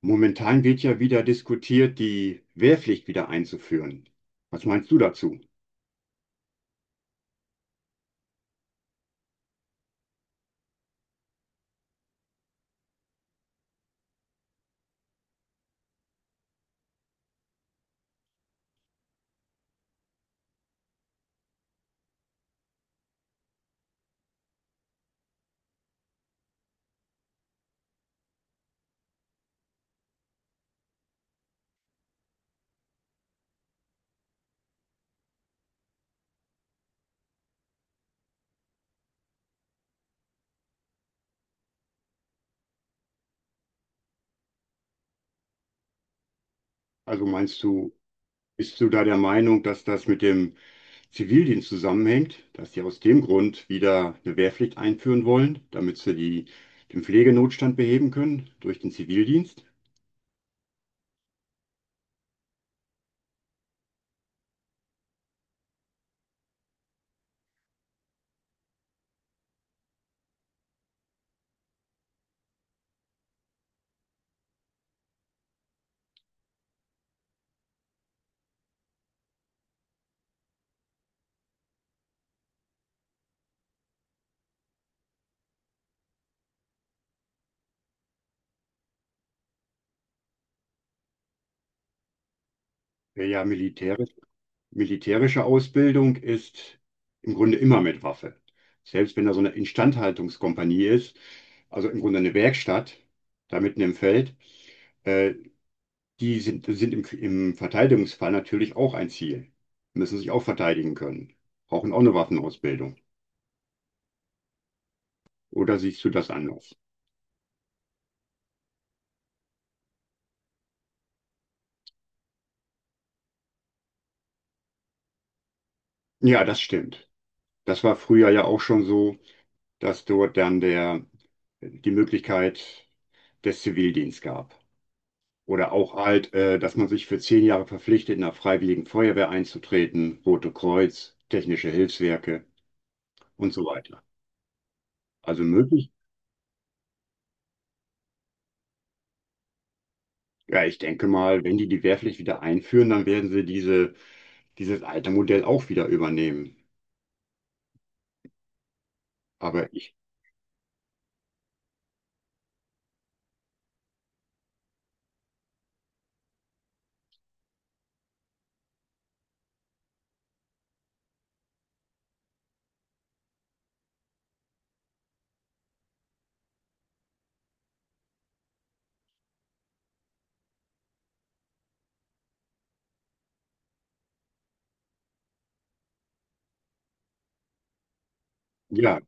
Momentan wird ja wieder diskutiert, die Wehrpflicht wieder einzuführen. Was meinst du dazu? Also meinst du, bist du da der Meinung, dass das mit dem Zivildienst zusammenhängt, dass sie aus dem Grund wieder eine Wehrpflicht einführen wollen, damit sie die, den Pflegenotstand beheben können durch den Zivildienst? Der ja militärische Ausbildung ist im Grunde immer mit Waffe. Selbst wenn da so eine Instandhaltungskompanie ist, also im Grunde eine Werkstatt da mitten im Feld. Äh, Die sind im Verteidigungsfall natürlich auch ein Ziel. Müssen sich auch verteidigen können. Brauchen auch eine Waffenausbildung. Oder siehst du das anders? Ja, das stimmt. Das war früher ja auch schon so, dass dort dann der, die Möglichkeit des Zivildienst gab. Oder auch dass man sich für 10 Jahre verpflichtet, in der Freiwilligen Feuerwehr einzutreten, Rote Kreuz, technische Hilfswerke und so weiter. Also möglich. Ja, ich denke mal, wenn die Wehrpflicht wieder einführen, dann werden sie dieses alte Modell auch wieder übernehmen. Aber ich, ja,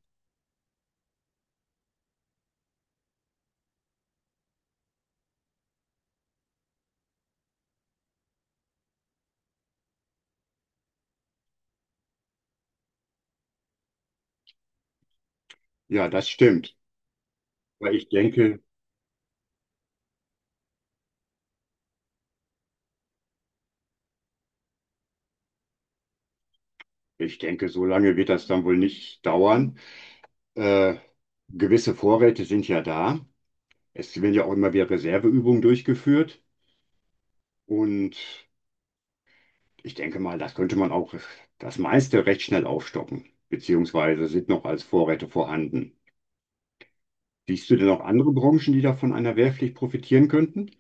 ja, das stimmt. Weil ich denke, ich denke, so lange wird das dann wohl nicht dauern. Äh, gewisse Vorräte sind ja da. Es werden ja auch immer wieder Reserveübungen durchgeführt. Und ich denke mal, das könnte man auch das meiste recht schnell aufstocken, beziehungsweise sind noch als Vorräte vorhanden. Siehst du denn noch andere Branchen, die da von einer Wehrpflicht profitieren könnten?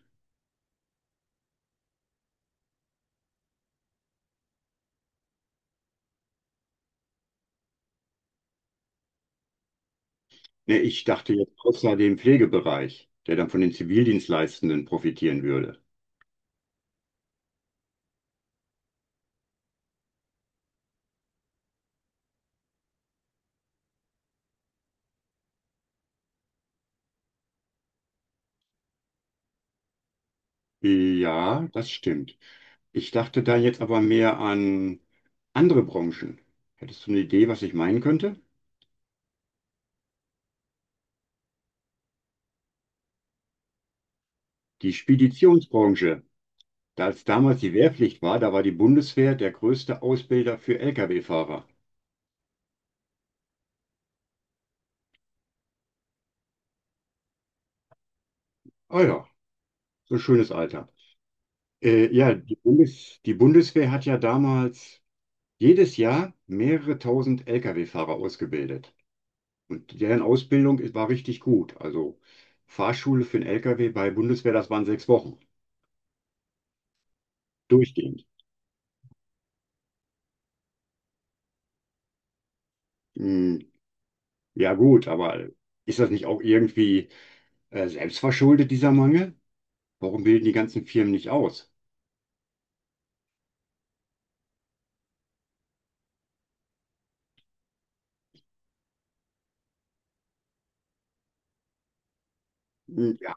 Ne, ich dachte jetzt außer dem Pflegebereich, der dann von den Zivildienstleistenden profitieren würde. Ja, das stimmt. Ich dachte da jetzt aber mehr an andere Branchen. Hättest du eine Idee, was ich meinen könnte? Die Speditionsbranche. Da es damals die Wehrpflicht war, da war die Bundeswehr der größte Ausbilder für Lkw-Fahrer. Ah ja, so ein schönes Alter. Ja, die Bundes die Bundeswehr hat ja damals jedes Jahr mehrere tausend Lkw-Fahrer ausgebildet. Und deren Ausbildung war richtig gut. Also Fahrschule für den LKW bei Bundeswehr, das waren 6 Wochen. Durchgehend. Hm, ja gut, aber ist das nicht auch irgendwie selbstverschuldet, dieser Mangel? Warum bilden die ganzen Firmen nicht aus? Ja,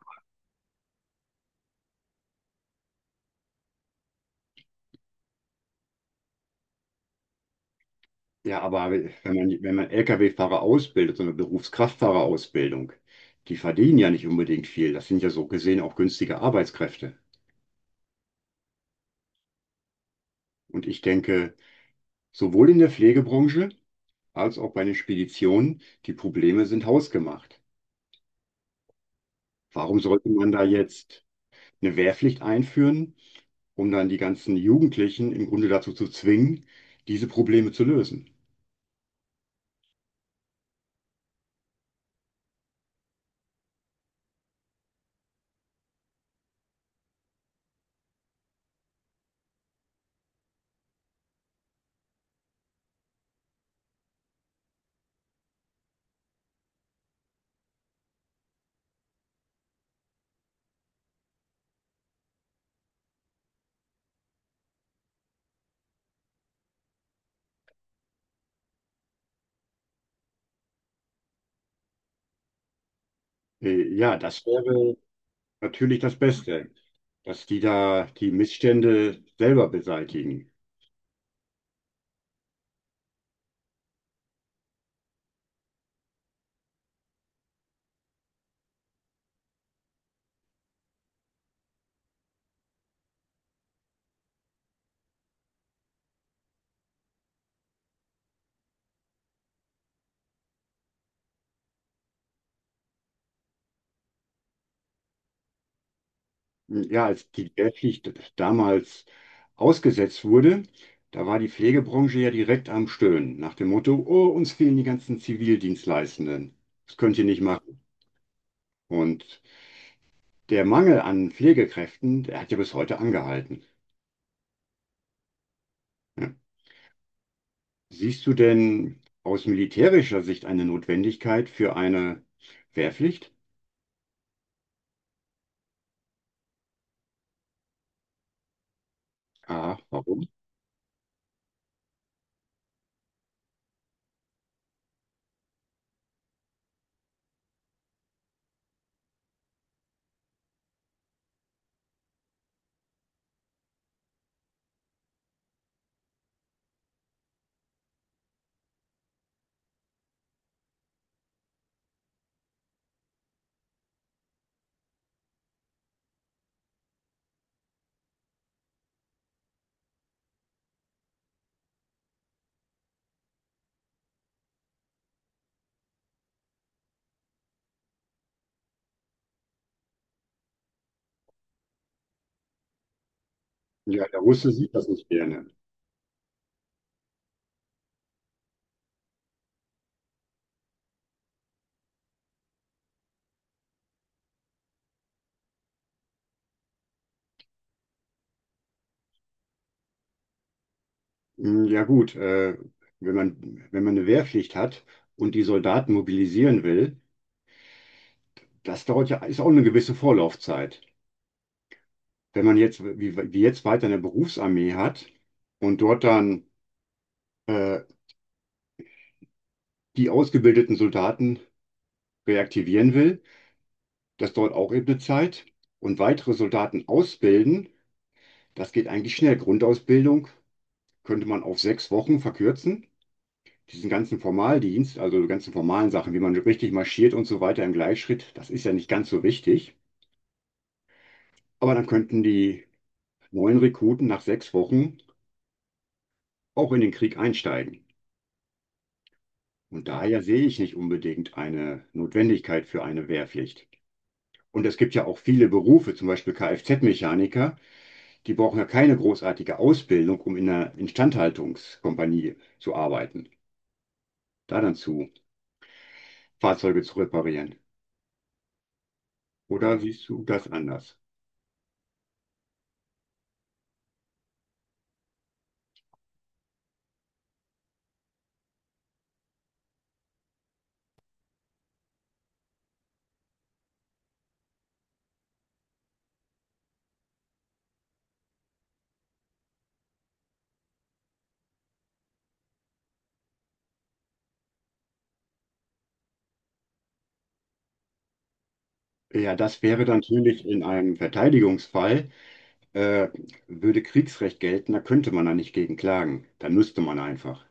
ja, aber wenn man, wenn man LKW-Fahrer ausbildet, so eine Berufskraftfahrerausbildung, die verdienen ja nicht unbedingt viel. Das sind ja so gesehen auch günstige Arbeitskräfte. Und ich denke, sowohl in der Pflegebranche, als auch bei den Speditionen, die Probleme sind hausgemacht. Warum sollte man da jetzt eine Wehrpflicht einführen, um dann die ganzen Jugendlichen im Grunde dazu zu zwingen, diese Probleme zu lösen? Ja, das wäre natürlich das Beste, dass die da die Missstände selber beseitigen. Ja, als die Wehrpflicht damals ausgesetzt wurde, da war die Pflegebranche ja direkt am Stöhnen, nach dem Motto, oh, uns fehlen die ganzen Zivildienstleistenden. Das könnt ihr nicht machen. Und der Mangel an Pflegekräften, der hat ja bis heute angehalten. Ja. Siehst du denn aus militärischer Sicht eine Notwendigkeit für eine Wehrpflicht? Ah, warum? Ja, der Russe sieht das nicht gerne. Ja gut, wenn man, wenn man eine Wehrpflicht hat und die Soldaten mobilisieren will, das dauert ja, ist auch eine gewisse Vorlaufzeit. Wenn man jetzt, wie jetzt weiter eine Berufsarmee hat und dort dann äh, die ausgebildeten Soldaten reaktivieren will, das dauert auch eben eine Zeit. Und weitere Soldaten ausbilden, das geht eigentlich schnell. Grundausbildung könnte man auf 6 Wochen verkürzen. Diesen ganzen Formaldienst, also die ganzen formalen Sachen, wie man richtig marschiert und so weiter im Gleichschritt, das ist ja nicht ganz so wichtig. Aber dann könnten die neuen Rekruten nach 6 Wochen auch in den Krieg einsteigen. Und daher sehe ich nicht unbedingt eine Notwendigkeit für eine Wehrpflicht. Und es gibt ja auch viele Berufe, zum Beispiel Kfz-Mechaniker, die brauchen ja keine großartige Ausbildung, um in einer Instandhaltungskompanie zu arbeiten, da dann zu Fahrzeuge zu reparieren. Oder siehst du das anders? Ja, das wäre dann natürlich in einem Verteidigungsfall, äh, würde Kriegsrecht gelten, da könnte man da nicht gegen klagen. Da müsste man einfach.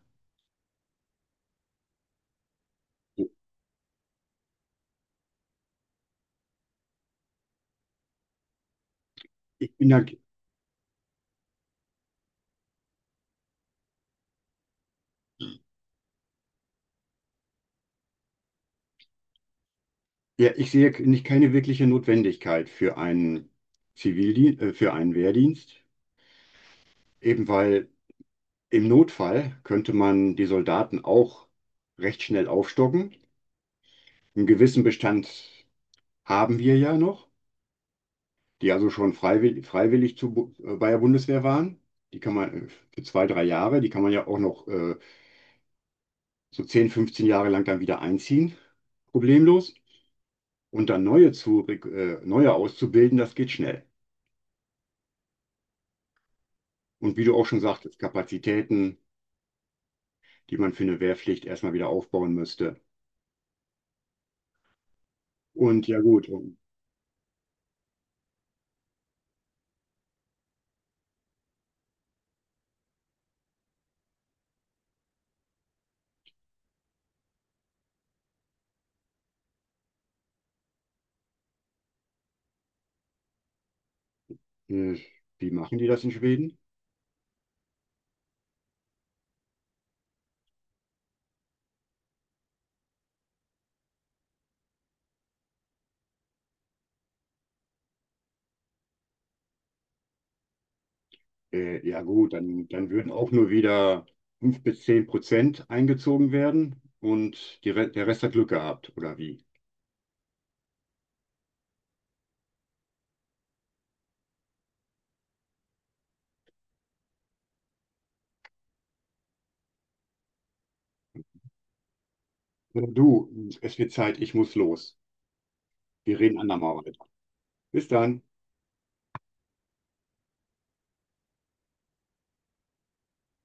Ich bin da, ja, ich sehe nicht keine wirkliche Notwendigkeit für einen Zivildienst, für einen Wehrdienst, eben weil im Notfall könnte man die Soldaten auch recht schnell aufstocken. Einen gewissen Bestand haben wir ja noch, die also schon freiwillig bei der Bundeswehr waren. Die kann man für 2, 3 Jahre, die kann man ja auch noch so 10, 15 Jahre lang dann wieder einziehen, problemlos. Und dann neue auszubilden, das geht schnell. Und wie du auch schon sagtest, Kapazitäten, die man für eine Wehrpflicht erstmal wieder aufbauen müsste. Und ja gut, äh, wie machen die das in Schweden? Ja gut, dann würden auch nur wieder 5 bis 10% eingezogen werden und die Re der Rest hat Glück gehabt, oder wie? Du, es wird Zeit, ich muss los. Wir reden andermal weiter. Bis dann.